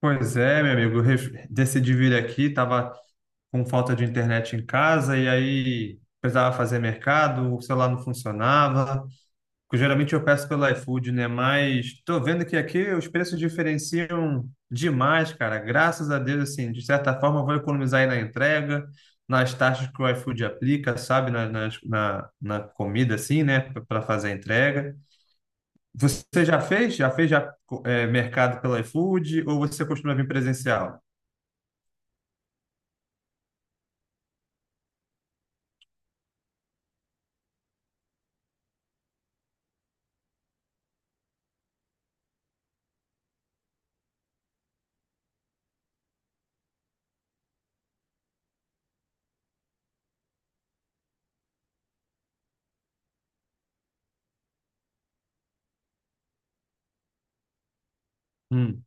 Pois é, meu amigo, decidi vir aqui, tava com falta de internet em casa e aí precisava fazer mercado, o celular não funcionava. Porque geralmente eu peço pelo iFood, né? Mas tô vendo que aqui os preços diferenciam demais, cara. Graças a Deus, assim, de certa forma eu vou economizar aí na entrega, nas taxas que o iFood aplica, sabe? Na comida, assim, né? Para fazer a entrega. Você já fez? Já fez já, mercado pelo iFood ou você costuma vir presencial? Hum,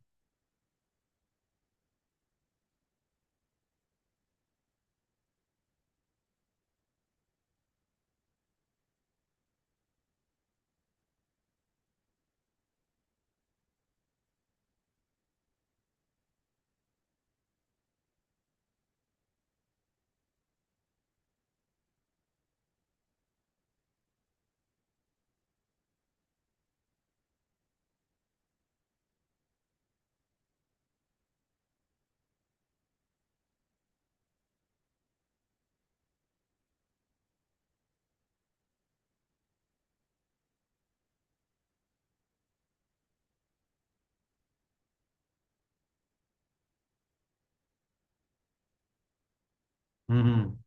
hum.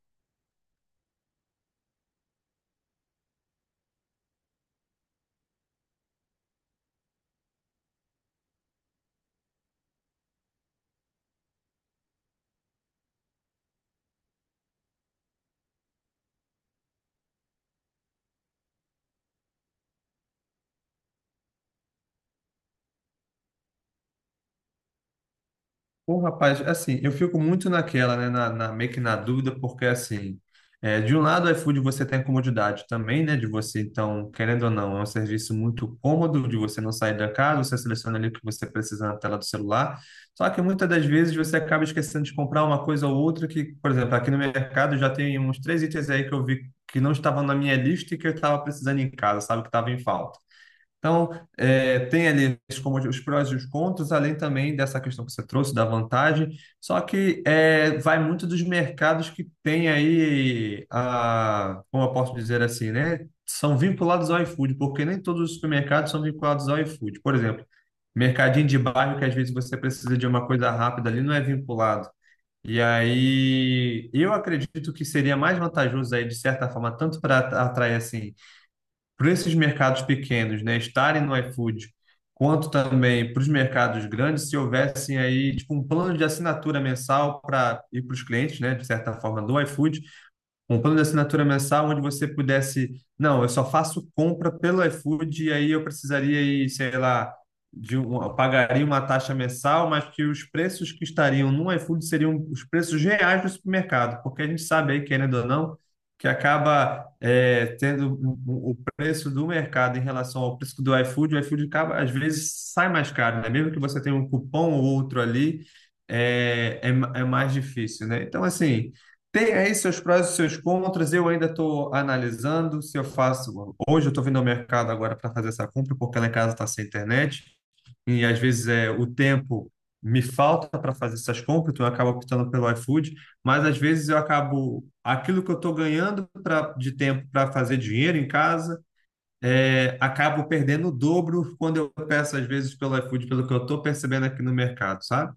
Pô, rapaz, assim, eu fico muito naquela, né, meio que na dúvida, porque, assim, é, de um lado, o iFood você tem a comodidade também, né, de você, então, querendo ou não, é um serviço muito cômodo de você não sair da casa, você seleciona ali o que você precisa na tela do celular, só que muitas das vezes você acaba esquecendo de comprar uma coisa ou outra que, por exemplo, aqui no mercado já tem uns três itens aí que eu vi que não estavam na minha lista e que eu estava precisando em casa, sabe, que estava em falta. Então, é, tem ali os como os prós e os contras, além também dessa questão que você trouxe da vantagem, só que é, vai muito dos mercados que tem aí, a, como eu posso dizer assim, né? São vinculados ao iFood, porque nem todos os supermercados são vinculados ao iFood. Por exemplo, mercadinho de bairro que às vezes você precisa de uma coisa rápida ali, não é vinculado. E aí, eu acredito que seria mais vantajoso aí, de certa forma, tanto para atrair assim para esses mercados pequenos, né, estarem no iFood, quanto também para os mercados grandes, se houvessem aí tipo um plano de assinatura mensal para ir para os clientes, né, de certa forma do iFood, um plano de assinatura mensal onde você pudesse, não, eu só faço compra pelo iFood e aí eu precisaria ir, sei lá, de um, eu pagaria uma taxa mensal, mas que os preços que estariam no iFood seriam os preços reais do supermercado, porque a gente sabe aí, querendo ou não, que acaba é, tendo o preço do mercado em relação ao preço do iFood, o iFood acaba, às vezes sai mais caro, né? Mesmo que você tenha um cupom ou outro ali, é mais difícil, né? Então, assim, tem aí seus prós e seus contras. Eu ainda estou analisando se eu faço. Hoje eu estou vindo ao mercado agora para fazer essa compra, porque lá em casa está sem internet. E às vezes é, o tempo me falta para fazer essas compras, então eu acabo optando pelo iFood. Mas às vezes eu acabo. Aquilo que eu estou ganhando pra, de tempo para fazer dinheiro em casa, é, acabo perdendo o dobro quando eu peço às vezes pelo iFood, pelo que eu estou percebendo aqui no mercado, sabe?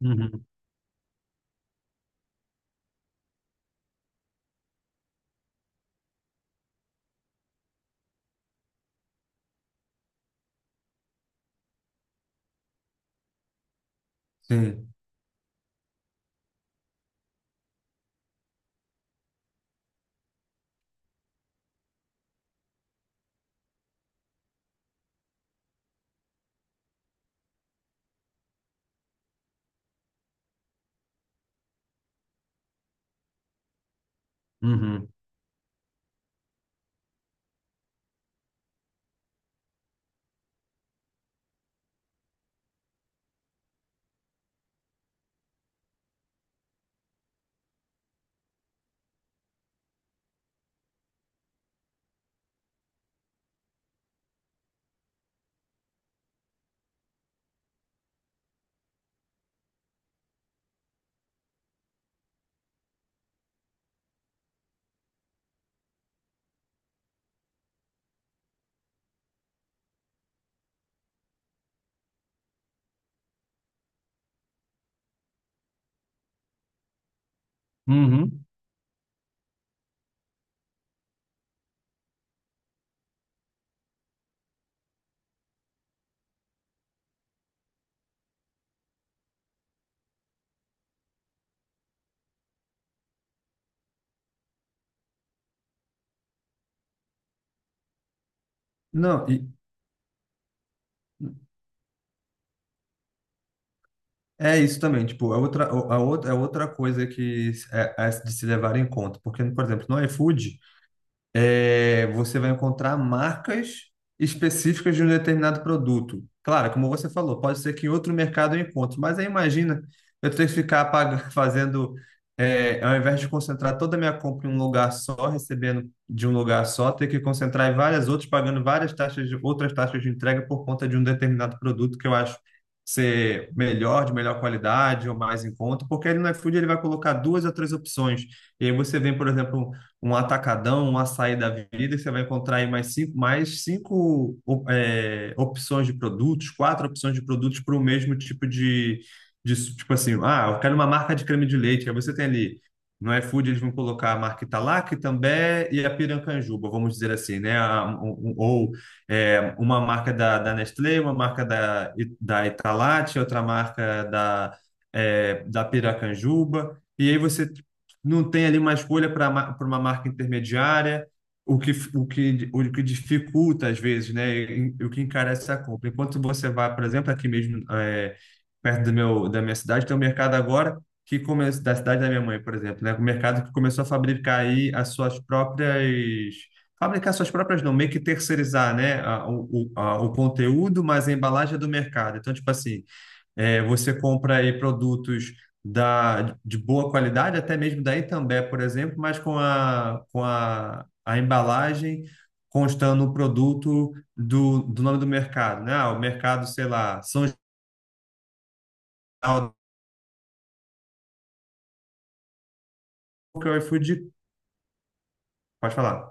Uhum. Sim. Uhum. Uhum. Não, é isso também, tipo, é outra coisa que é, é de se levar em conta, porque, por exemplo, no iFood, é, você vai encontrar marcas específicas de um determinado produto. Claro, como você falou, pode ser que em outro mercado eu encontre, mas aí imagina eu ter que ficar fazendo, é, ao invés de concentrar toda a minha compra em um lugar só, recebendo de um lugar só, ter que concentrar em várias outras, pagando várias taxas de outras taxas de entrega por conta de um determinado produto que eu acho ser melhor, de melhor qualidade ou mais em conta, porque ele no iFood ele vai colocar duas ou três opções. E aí você vem, por exemplo, um atacadão, um açaí da vida, que você vai encontrar aí mais cinco é, opções de produtos, quatro opções de produtos para o mesmo tipo de, de. Tipo assim, ah, eu quero uma marca de creme de leite. Aí você tem ali. No iFood eles vão colocar a marca Italá, Itambé e a Pirancanjuba, vamos dizer assim, né? Ou é, uma marca da, da Nestlé, uma marca da, da Italate, outra marca da, é, da Piracanjuba. E aí você não tem ali uma escolha para uma marca intermediária, o que dificulta às vezes, né? E, o que encarece a compra. Enquanto você vai, por exemplo, aqui mesmo, é, perto do meu, da minha cidade, tem um mercado agora que come, da cidade da minha mãe, por exemplo, né? Um mercado que começou a fabricar aí as suas próprias. Fabricar suas próprias, não, meio que terceirizar, né? A, o, a- o conteúdo, mas a embalagem é do mercado. Então, tipo assim, é, você compra aí produtos da, de boa qualidade, até mesmo da Itambé, por exemplo, mas a embalagem constando o produto do, do nome do mercado, né? Ah, o mercado, sei lá, São Geraldo, que é o iFood, pode falar.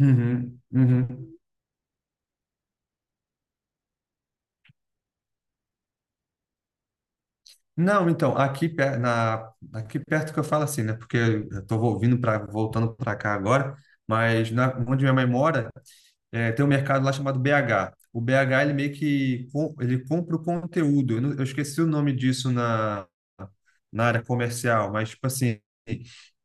Uhum, uhum. Não, então, aqui, aqui perto que eu falo assim, né? Porque eu estou ouvindo, pra, voltando para cá agora, mas na, onde minha mãe mora, é, tem um mercado lá chamado BH. O BH, ele meio que ele compra o conteúdo. Eu, eu esqueci o nome disso na, na área comercial, mas, tipo assim,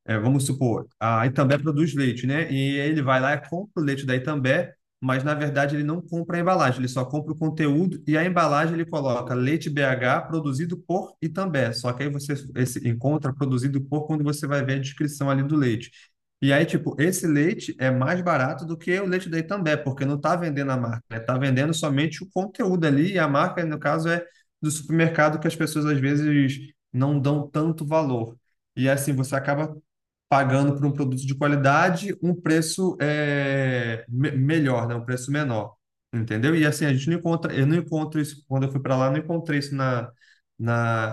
é, vamos supor, a Itambé produz leite, né? E ele vai lá e compra o leite da Itambé, mas, na verdade, ele não compra a embalagem, ele só compra o conteúdo e a embalagem ele coloca leite BH produzido por Itambé. Só que aí você esse, encontra produzido por quando você vai ver a descrição ali do leite. E aí, tipo, esse leite é mais barato do que o leite da Itambé, porque não está vendendo a marca, né? Está vendendo somente o conteúdo ali, e a marca, no caso, é do supermercado que as pessoas às vezes não dão tanto valor. E assim, você acaba pagando por um produto de qualidade um preço melhor, né? Um preço menor, entendeu? E assim, a gente não encontra, eu não encontro isso, quando eu fui para lá, eu não encontrei isso na,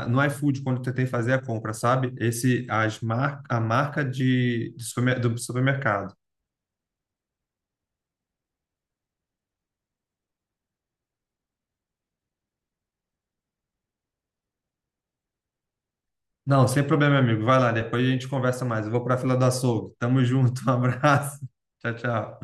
no iFood, quando eu tentei fazer a compra, sabe? Esse, a marca de, do supermercado. Não, sem problema, meu amigo. Vai lá, depois a gente conversa mais. Eu vou para a fila do açougue. Tamo junto, um abraço. Tchau, tchau.